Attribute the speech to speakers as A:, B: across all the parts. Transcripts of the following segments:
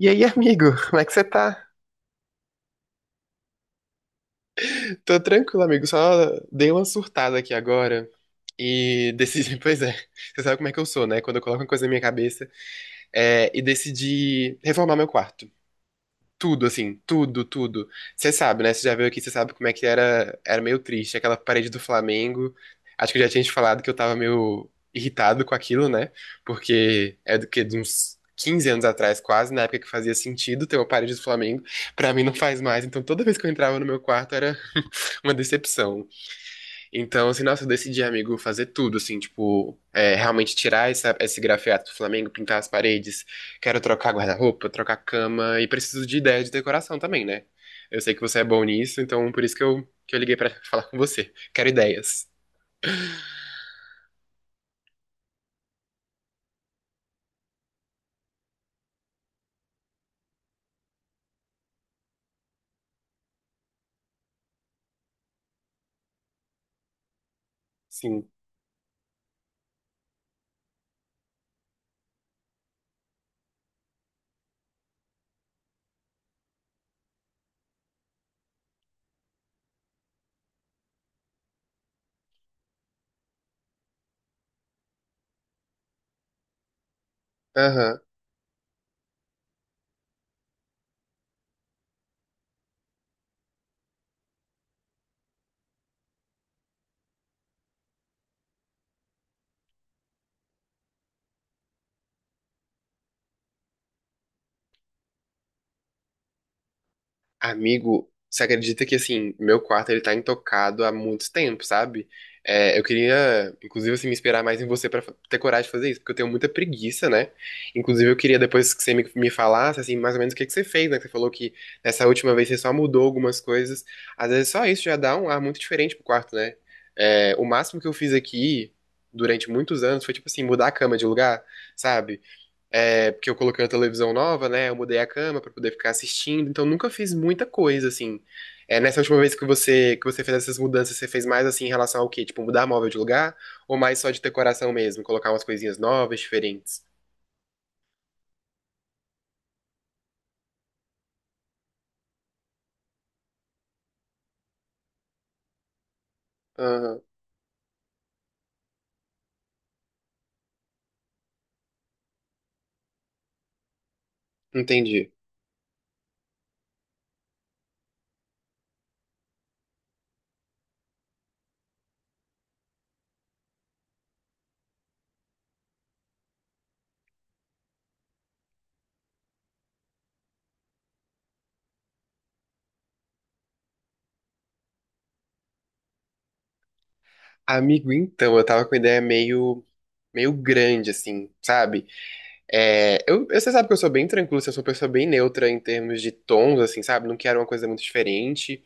A: E aí, amigo, como é que você tá? Tô tranquilo, amigo, só dei uma surtada aqui agora e decidi, pois é, você sabe como é que eu sou, né? Quando eu coloco uma coisa na minha cabeça, e decidi reformar meu quarto. Tudo, assim, tudo, tudo. Você sabe, né? Você já veio aqui, você sabe como é que era, era meio triste, aquela parede do Flamengo. Acho que eu já tinha te falado que eu tava meio irritado com aquilo, né? Porque é do que de uns 15 anos atrás, quase, na época que fazia sentido ter uma parede do Flamengo. Pra mim não faz mais. Então toda vez que eu entrava no meu quarto era uma decepção. Então, assim, nossa, eu decidi, amigo, fazer tudo, assim, tipo, realmente tirar esse grafiato do Flamengo, pintar as paredes, quero trocar guarda-roupa, trocar cama, e preciso de ideia de decoração também, né? Eu sei que você é bom nisso, então por isso que que eu liguei pra falar com você. Quero ideias. Sim. Aham. Amigo, você acredita que assim, meu quarto ele tá intocado há muito tempo, sabe? Eu queria, inclusive, assim, me inspirar mais em você pra ter coragem de fazer isso, porque eu tenho muita preguiça, né? Inclusive, eu queria depois que você me falasse, assim, mais ou menos o que que você fez, né? Que você falou que nessa última vez você só mudou algumas coisas. Às vezes só isso já dá um ar muito diferente pro quarto, né? É, o máximo que eu fiz aqui durante muitos anos foi, tipo assim, mudar a cama de lugar, sabe? É, porque eu coloquei uma televisão nova, né? Eu mudei a cama pra poder ficar assistindo, então nunca fiz muita coisa, assim. É, nessa última vez que você fez essas mudanças, você fez mais assim em relação ao quê? Tipo, mudar móvel de lugar ou mais só de decoração mesmo, colocar umas coisinhas novas, diferentes? Aham, entendi. Amigo, então, eu tava com uma ideia meio grande assim, sabe? É, você sabe que eu sou bem tranquilo, assim, eu sou uma pessoa bem neutra em termos de tons, assim, sabe? Não quero uma coisa muito diferente.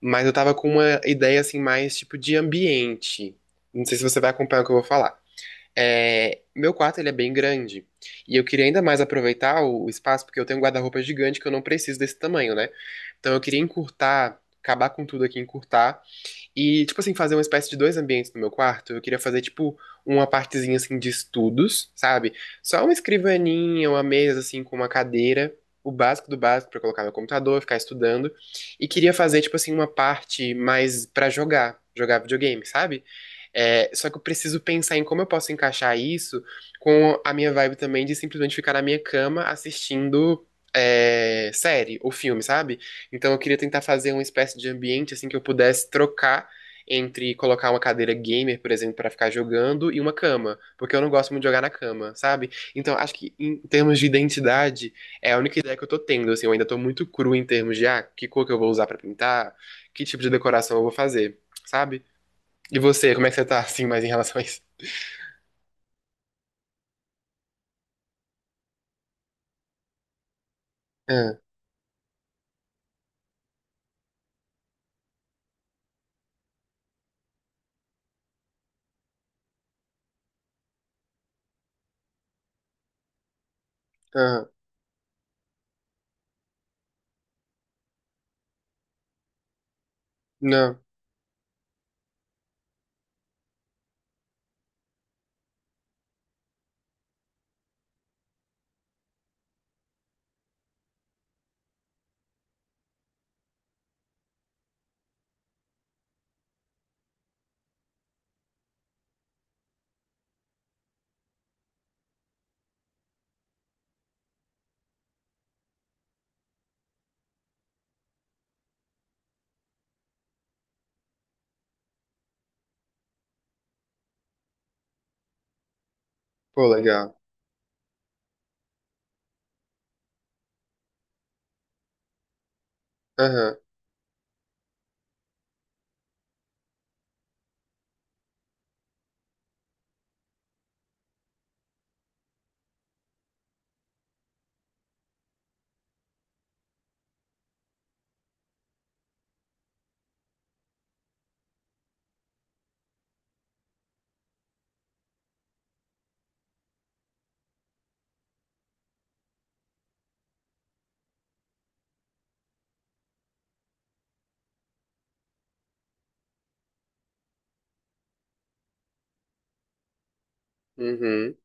A: Mas eu tava com uma ideia assim, mais tipo de ambiente. Não sei se você vai acompanhar o que eu vou falar. É, meu quarto ele é bem grande. E eu queria ainda mais aproveitar o espaço, porque eu tenho um guarda-roupa gigante que eu não preciso desse tamanho, né? Então eu queria encurtar, acabar com tudo aqui, encurtar e, tipo assim, fazer uma espécie de dois ambientes no meu quarto. Eu queria fazer, tipo, uma partezinha, assim, de estudos, sabe? Só uma escrivaninha, uma mesa, assim, com uma cadeira. O básico do básico pra colocar meu computador, ficar estudando. E queria fazer, tipo assim, uma parte mais pra jogar. Jogar videogame, sabe? É, só que eu preciso pensar em como eu posso encaixar isso com a minha vibe também de simplesmente ficar na minha cama assistindo série ou filme, sabe? Então eu queria tentar fazer uma espécie de ambiente assim que eu pudesse trocar entre colocar uma cadeira gamer, por exemplo, pra ficar jogando e uma cama, porque eu não gosto muito de jogar na cama, sabe? Então acho que em termos de identidade é a única ideia que eu tô tendo, assim, eu ainda tô muito cru em termos de ah, que cor que eu vou usar pra pintar, que tipo de decoração eu vou fazer, sabe? E você, como é que você tá assim mais em relação a isso? Ah, ah, não. Pô, legal. Aham. Uhum.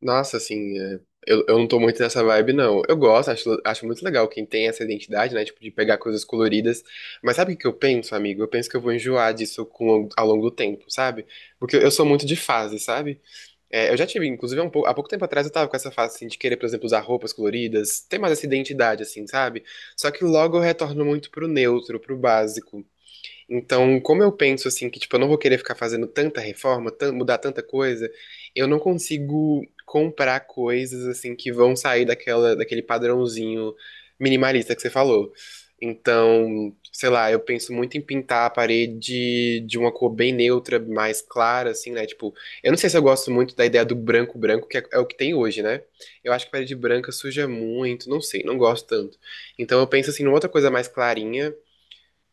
A: Nossa, assim, é, eu não tô muito nessa vibe, não. Eu gosto, acho muito legal quem tem essa identidade, né? Tipo, de pegar coisas coloridas. Mas sabe o que eu penso, amigo? Eu penso que eu vou enjoar disso com, ao longo do tempo, sabe? Porque eu sou muito de fase, sabe? É, eu já tive, inclusive, há pouco tempo atrás eu tava com essa fase, assim, de querer, por exemplo, usar roupas coloridas, ter mais essa identidade, assim, sabe? Só que logo eu retorno muito pro neutro, pro básico. Então, como eu penso assim, que tipo, eu não vou querer ficar fazendo tanta reforma, mudar tanta coisa, eu não consigo comprar coisas assim que vão sair daquele padrãozinho minimalista que você falou. Então, sei lá, eu penso muito em pintar a parede de uma cor bem neutra, mais clara, assim, né? Tipo, eu não sei se eu gosto muito da ideia do branco branco, que é o que tem hoje, né? Eu acho que parede branca suja muito, não sei, não gosto tanto. Então eu penso assim numa outra coisa mais clarinha.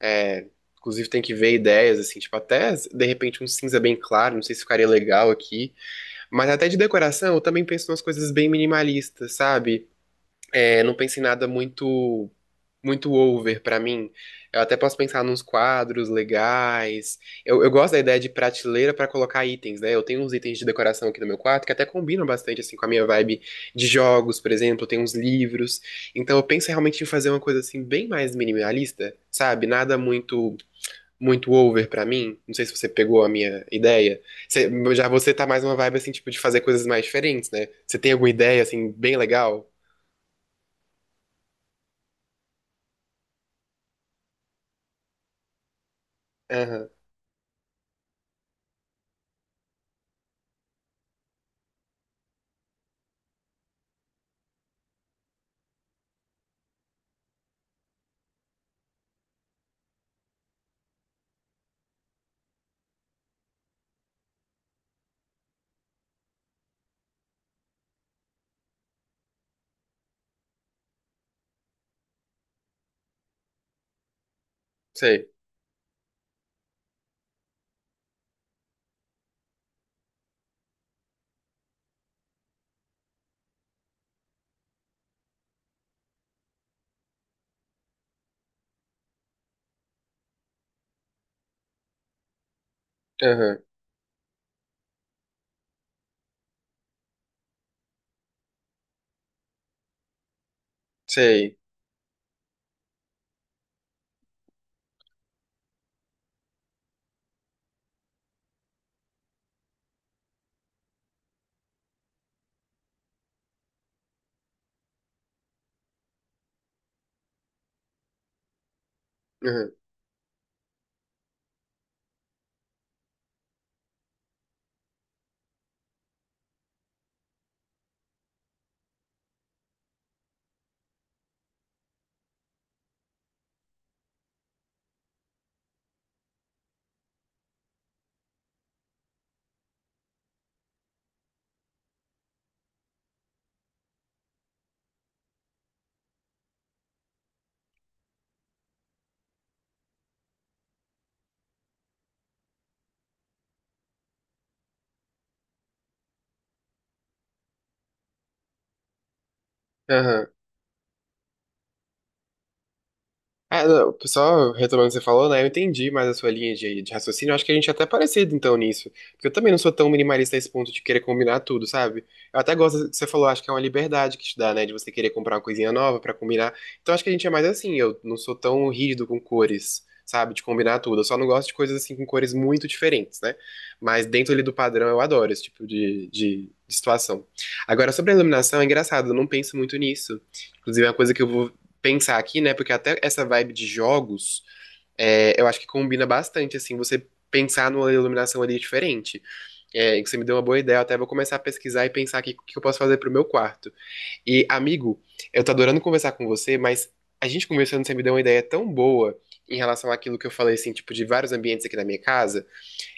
A: É, inclusive, tem que ver ideias, assim, tipo, até de repente um cinza bem claro, não sei se ficaria legal aqui. Mas até de decoração, eu também penso em umas coisas bem minimalistas, sabe? É, não penso em nada muito over pra mim. Eu até posso pensar nos quadros legais. Eu gosto da ideia de prateleira pra colocar itens, né? Eu tenho uns itens de decoração aqui no meu quarto que até combinam bastante, assim, com a minha vibe de jogos, por exemplo. Eu tenho uns livros. Então, eu penso realmente em fazer uma coisa, assim, bem mais minimalista, sabe? Nada muito over pra mim. Não sei se você pegou a minha ideia. Você- já você tá mais uma vibe assim, tipo, de fazer coisas mais diferentes, né? Você tem alguma ideia assim bem legal? Aham, sei. Aham, sei. Aham, aham. É, não, só retomando o que você falou, né? Eu entendi mais a sua linha de raciocínio. Eu acho que a gente é até parecido, então, nisso. Porque eu também não sou tão minimalista a esse ponto de querer combinar tudo, sabe? Eu até gosto do que você falou, acho que é uma liberdade que te dá, né? De você querer comprar uma coisinha nova pra combinar. Então, acho que a gente é mais assim. Eu não sou tão rígido com cores, sabe? De combinar tudo. Eu só não gosto de coisas assim com cores muito diferentes, né? Mas dentro ali do padrão, eu adoro esse tipo de situação. Agora, sobre a iluminação, é engraçado, eu não penso muito nisso. Inclusive, é uma coisa que eu vou pensar aqui, né? Porque até essa vibe de jogos, eu acho que combina bastante, assim, você pensar numa iluminação ali diferente. É, que você me deu uma boa ideia, eu até vou começar a pesquisar e pensar aqui o que eu posso fazer pro meu quarto. E, amigo, eu tô adorando conversar com você, mas a gente conversando, você me deu uma ideia tão boa em relação àquilo que eu falei, assim, tipo, de vários ambientes aqui na minha casa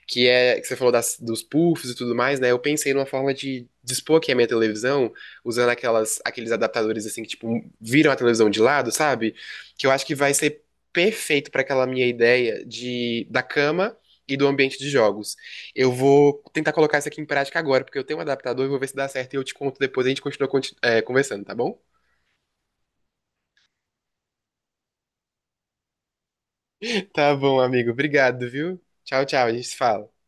A: que é que você falou dos puffs e tudo mais, né? Eu pensei numa forma de dispor aqui a minha televisão usando aquelas aqueles adaptadores assim que tipo viram a televisão de lado, sabe? Que eu acho que vai ser perfeito para aquela minha ideia de da cama e do ambiente de jogos. Eu vou tentar colocar isso aqui em prática agora, porque eu tenho um adaptador e vou ver se dá certo e eu te conto depois, a gente continua conversando, tá bom? Tá bom, amigo. Obrigado, viu? Tchau, tchau. A gente se fala.